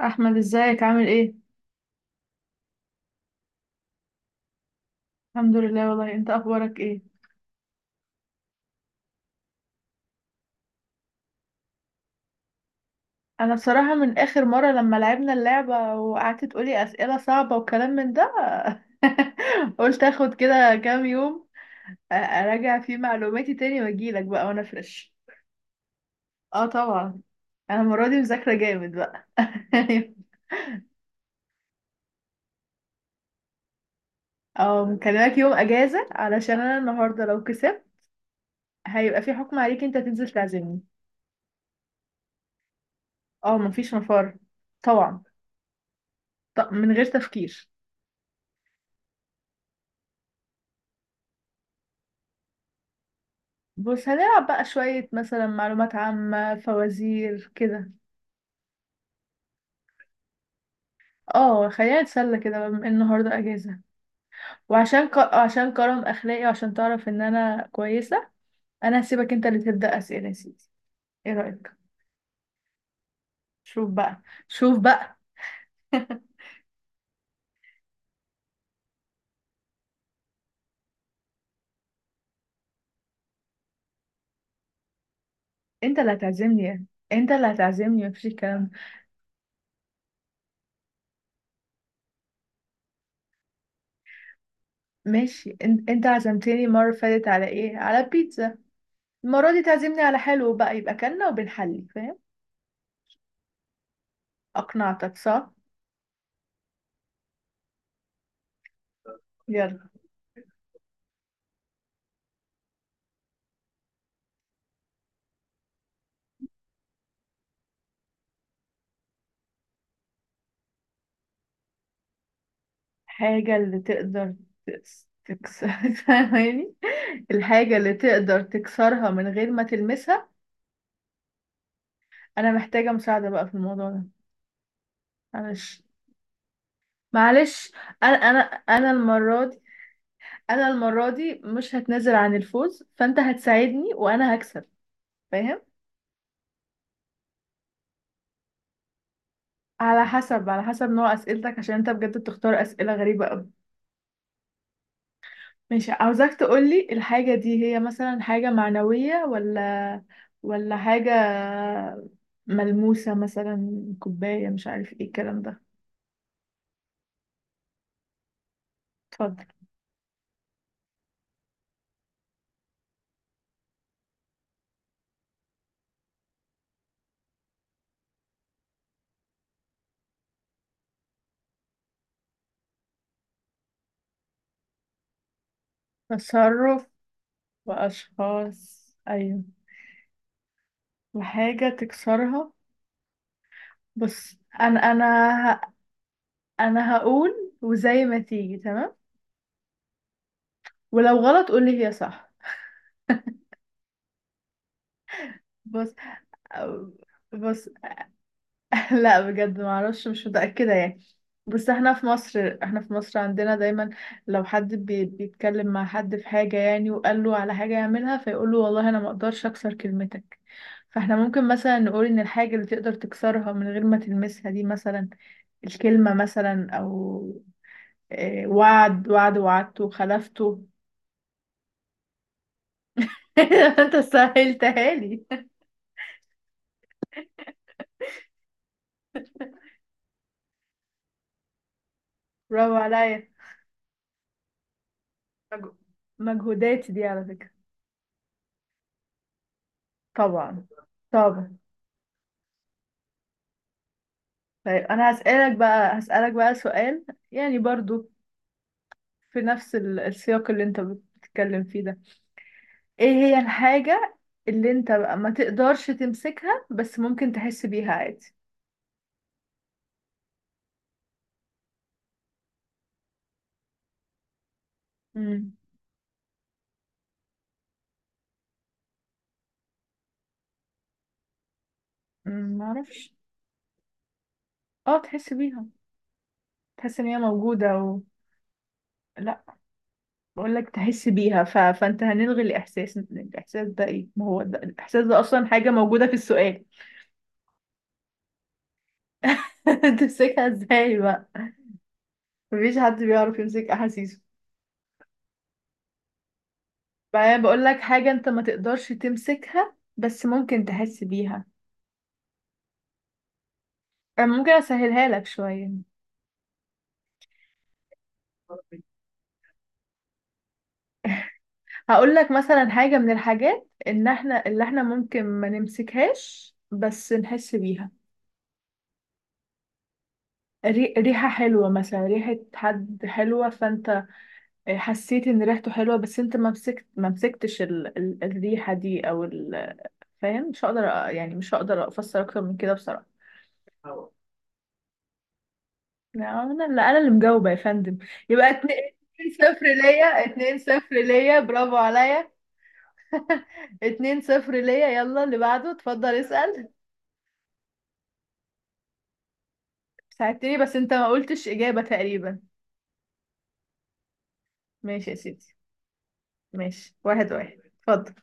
احمد، ازيك؟ عامل ايه؟ الحمد لله والله، انت اخبارك ايه؟ انا بصراحه من اخر مره لما لعبنا اللعبه وقعدت تقولي اسئله صعبه وكلام من ده، قلت اخد كده كام يوم، اراجع فيه معلوماتي تاني واجيلك بقى وانا فريش. اه طبعا. انا المره دي مذاكره جامد بقى. اه، مكلمك يوم اجازه علشان انا النهارده لو كسبت هيبقى في حكم عليك انت تنزل تعزمني. اه، مفيش مفر. طبعا. طب من غير تفكير. بص، هنلعب بقى شوية مثلا معلومات عامة، فوازير كده. اه، خلينا نتسلى كده بما إن النهاردة اجازة. عشان كرم اخلاقي وعشان تعرف ان انا كويسة. انا هسيبك انت اللي تبدأ اسئلة يا سيدي. ايه رأيك؟ شوف بقى. شوف بقى. انت اللي هتعزمني يعني. انت اللي هتعزمني، مفيش الكلام ده. ماشي، انت عزمتني المرة اللي فاتت على ايه؟ على بيتزا. المرة دي تعزمني على حلو بقى، يبقى كلنا وبنحلي، فاهم؟ اقنعتك صح؟ يلا. الحاجة اللي تقدر تكسر، فاهماني؟ الحاجة اللي تقدر تكسرها من غير ما تلمسها. أنا محتاجة مساعدة بقى في الموضوع ده. معلش. معلش. أنا المرة دي، أنا المرة دي مش هتنازل عن الفوز، فأنت هتساعدني وأنا هكسب، فاهم؟ على حسب نوع أسئلتك، عشان أنت بجد بتختار أسئلة غريبة أوي. ماشي، عاوزاك تقولي الحاجة دي هي مثلا حاجة معنوية، ولا حاجة ملموسة مثلا، كوباية، مش عارف ايه الكلام ده. اتفضل. تصرف. وأشخاص، أيوة. وحاجة تكسرها. بص، ه- أنا هقول وزي ما تيجي، تمام؟ ولو غلط قولي هي صح. بص، أو- بص. لا بجد ما اعرفش، مش متأكدة يعني. بس احنا في مصر، احنا في مصر عندنا دايما لو حد بيتكلم مع حد في حاجة يعني وقال له على حاجة يعملها فيقول له والله انا ما اقدرش اكسر كلمتك. فاحنا ممكن مثلا نقول ان الحاجة اللي تقدر تكسرها من غير ما تلمسها دي مثلا الكلمة مثلا، او وعد. وعدته، خلفته. انت سهلتها لي. برافو عليا. مجهوداتي دي على فكرة. طبعا. طبعا، طيب انا هسألك بقى، سؤال، يعني برضو في نفس السياق اللي انت بتتكلم فيه ده. ايه هي الحاجة اللي انت بقى ما تقدرش تمسكها بس ممكن تحس بيها عادي؟ امم ما اعرفش. اه، تحس بيها. تحس ان هي موجودة و... لا، بقول لك تحس بيها ف... فانت هنلغي الاحساس، ده ايه؟ ما هو ده الاحساس ده اصلا حاجة موجودة في السؤال. تمسكها ازاي بقى؟ مفيش حد بيعرف يمسك احاسيسه. بقى بقول لك حاجة، انت ما تقدرش تمسكها بس ممكن تحس بيها. انا ممكن اسهلها لك شوية. هقول لك مثلا حاجة من الحاجات ان احنا ممكن ما نمسكهاش بس نحس بيها. ريحة حلوة مثلا، ريحة حد حلوة، فانت حسيت ان ريحته حلوة بس انت ما مسكتش ال... ال... الريحة دي او ال... فاهم؟ مش هقدر، يعني مش هقدر افسر اكتر من كده بصراحة. لا، انا اللي مجاوبه يا فندم. يبقى اتنين. 2-0 ليا، 2-0 ليا، برافو عليا. 2-0 ليا. يلا اللي بعده، اتفضل اسأل. ساعدتني بس انت ما قلتش اجابة تقريبا. ماشي يا سيدي. ماشي، 1-1، اتفضل.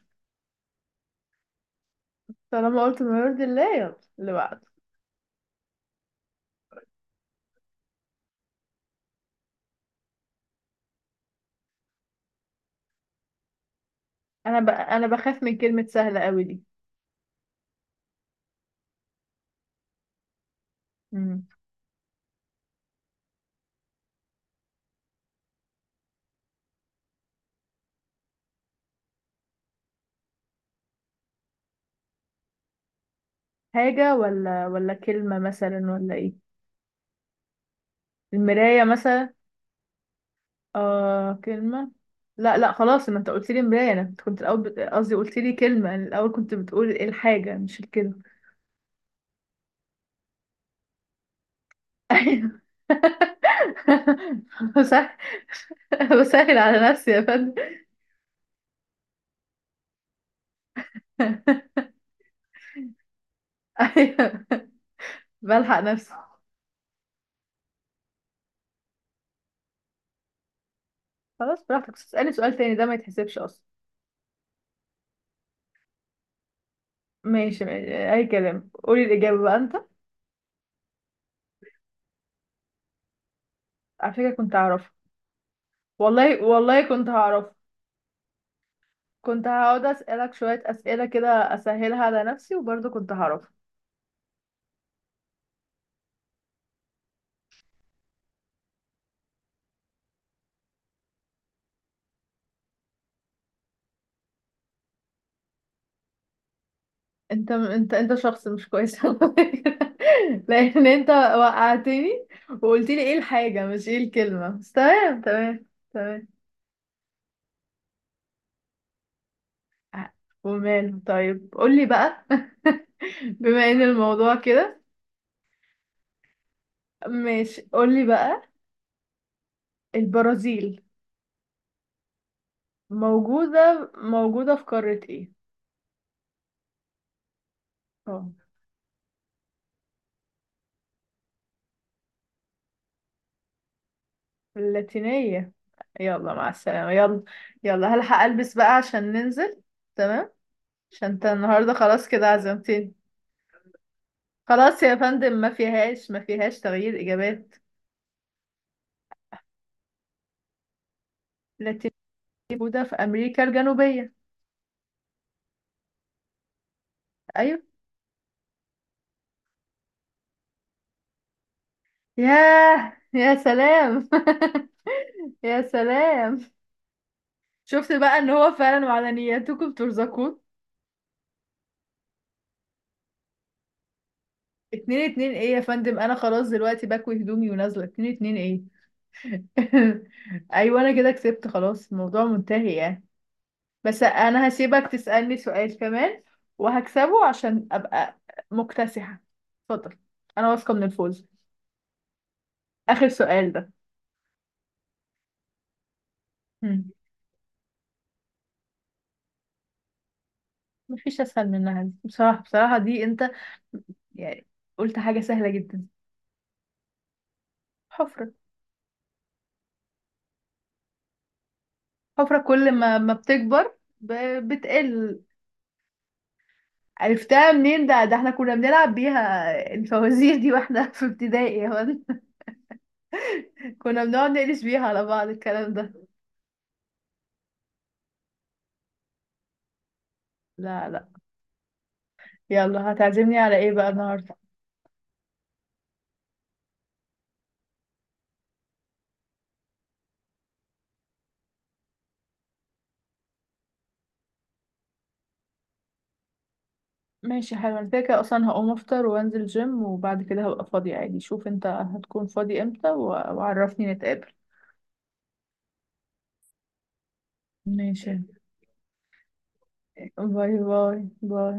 طالما قلت ما يرضي الله، يلا اللي بعده. انا انا بخاف من كلمة سهلة قوي دي. مم. حاجة ولا كلمة مثلا ولا ايه؟ المراية مثلا. آه، كلمة. لا لا، خلاص. ما انت قلت لي مراية. انا كنت الاول قصدي قلت لي كلمة. أنا الاول كنت بتقول إيه الحاجة، مش الكلمة. ايوه. بسهل. بسهل على نفسي يا فندم. ايوه. بلحق نفسي. خلاص براحتك، بس اسألني سؤال تاني، ده ما يتحسبش اصلا. ماشي ماشي، اي كلام، قولي الاجابة بقى انت. على فكرة كنت هعرفها. والله، والله كنت هعرفها. كنت هقعد اسألك شوية اسئلة كده، اسهلها على نفسي وبرضه كنت هعرفها. انت شخص مش كويس على فكرة. لان انت وقعتني، وقلت لي ايه الحاجة مش ايه الكلمة. بس تمام تمام. تمام. ع- وماله، طيب قولي بقى. بما ان الموضوع كده، ماشي قولي بقى. البرازيل موجودة في قارة ايه؟ اه، اللاتينية. يلا مع السلامة، يلا. يلا هلحق البس بقى عشان ننزل. تمام. عشان انت النهاردة خلاص كده عزمتني. خلاص يا فندم، ما فيهاس تغيير إجابات. لاتيني، موجودة في أمريكا الجنوبية. أيوة. ياه، يا سلام. يا سلام. شفت بقى إن هو فعلا وعلى نياتكم ترزقون. 2-2 إيه يا فندم؟ أنا خلاص دلوقتي بكوي هدومي ونازلة. 2-2 إيه؟ أيوة، أنا كده كسبت خلاص، الموضوع منتهي يعني. بس أنا هسيبك تسألني سؤال كمان وهكسبه عشان أبقى مكتسحة. اتفضل. أنا واثقة من الفوز. آخر سؤال ده. مم. مفيش اسهل منها دي بصراحه، بصراحه دي انت يعني قلت حاجه سهله جدا. حفره. حفره كل ما بتكبر ب... بتقل. عرفتها منين؟ ده احنا كنا بنلعب بيها الفوازير دي واحنا في ابتدائي هون. كنا بنقعد نقلش بيها على بعض الكلام ده. لا لا. يلا، هتعزمني على ايه بقى النهارده؟ ماشي حلو، انا كده كده اصلا هقوم افطر وانزل جيم، وبعد كده هبقى فاضي عادي. شوف انت هتكون فاضي امتى، وعرفني نتقابل. ماشي. باي باي باي.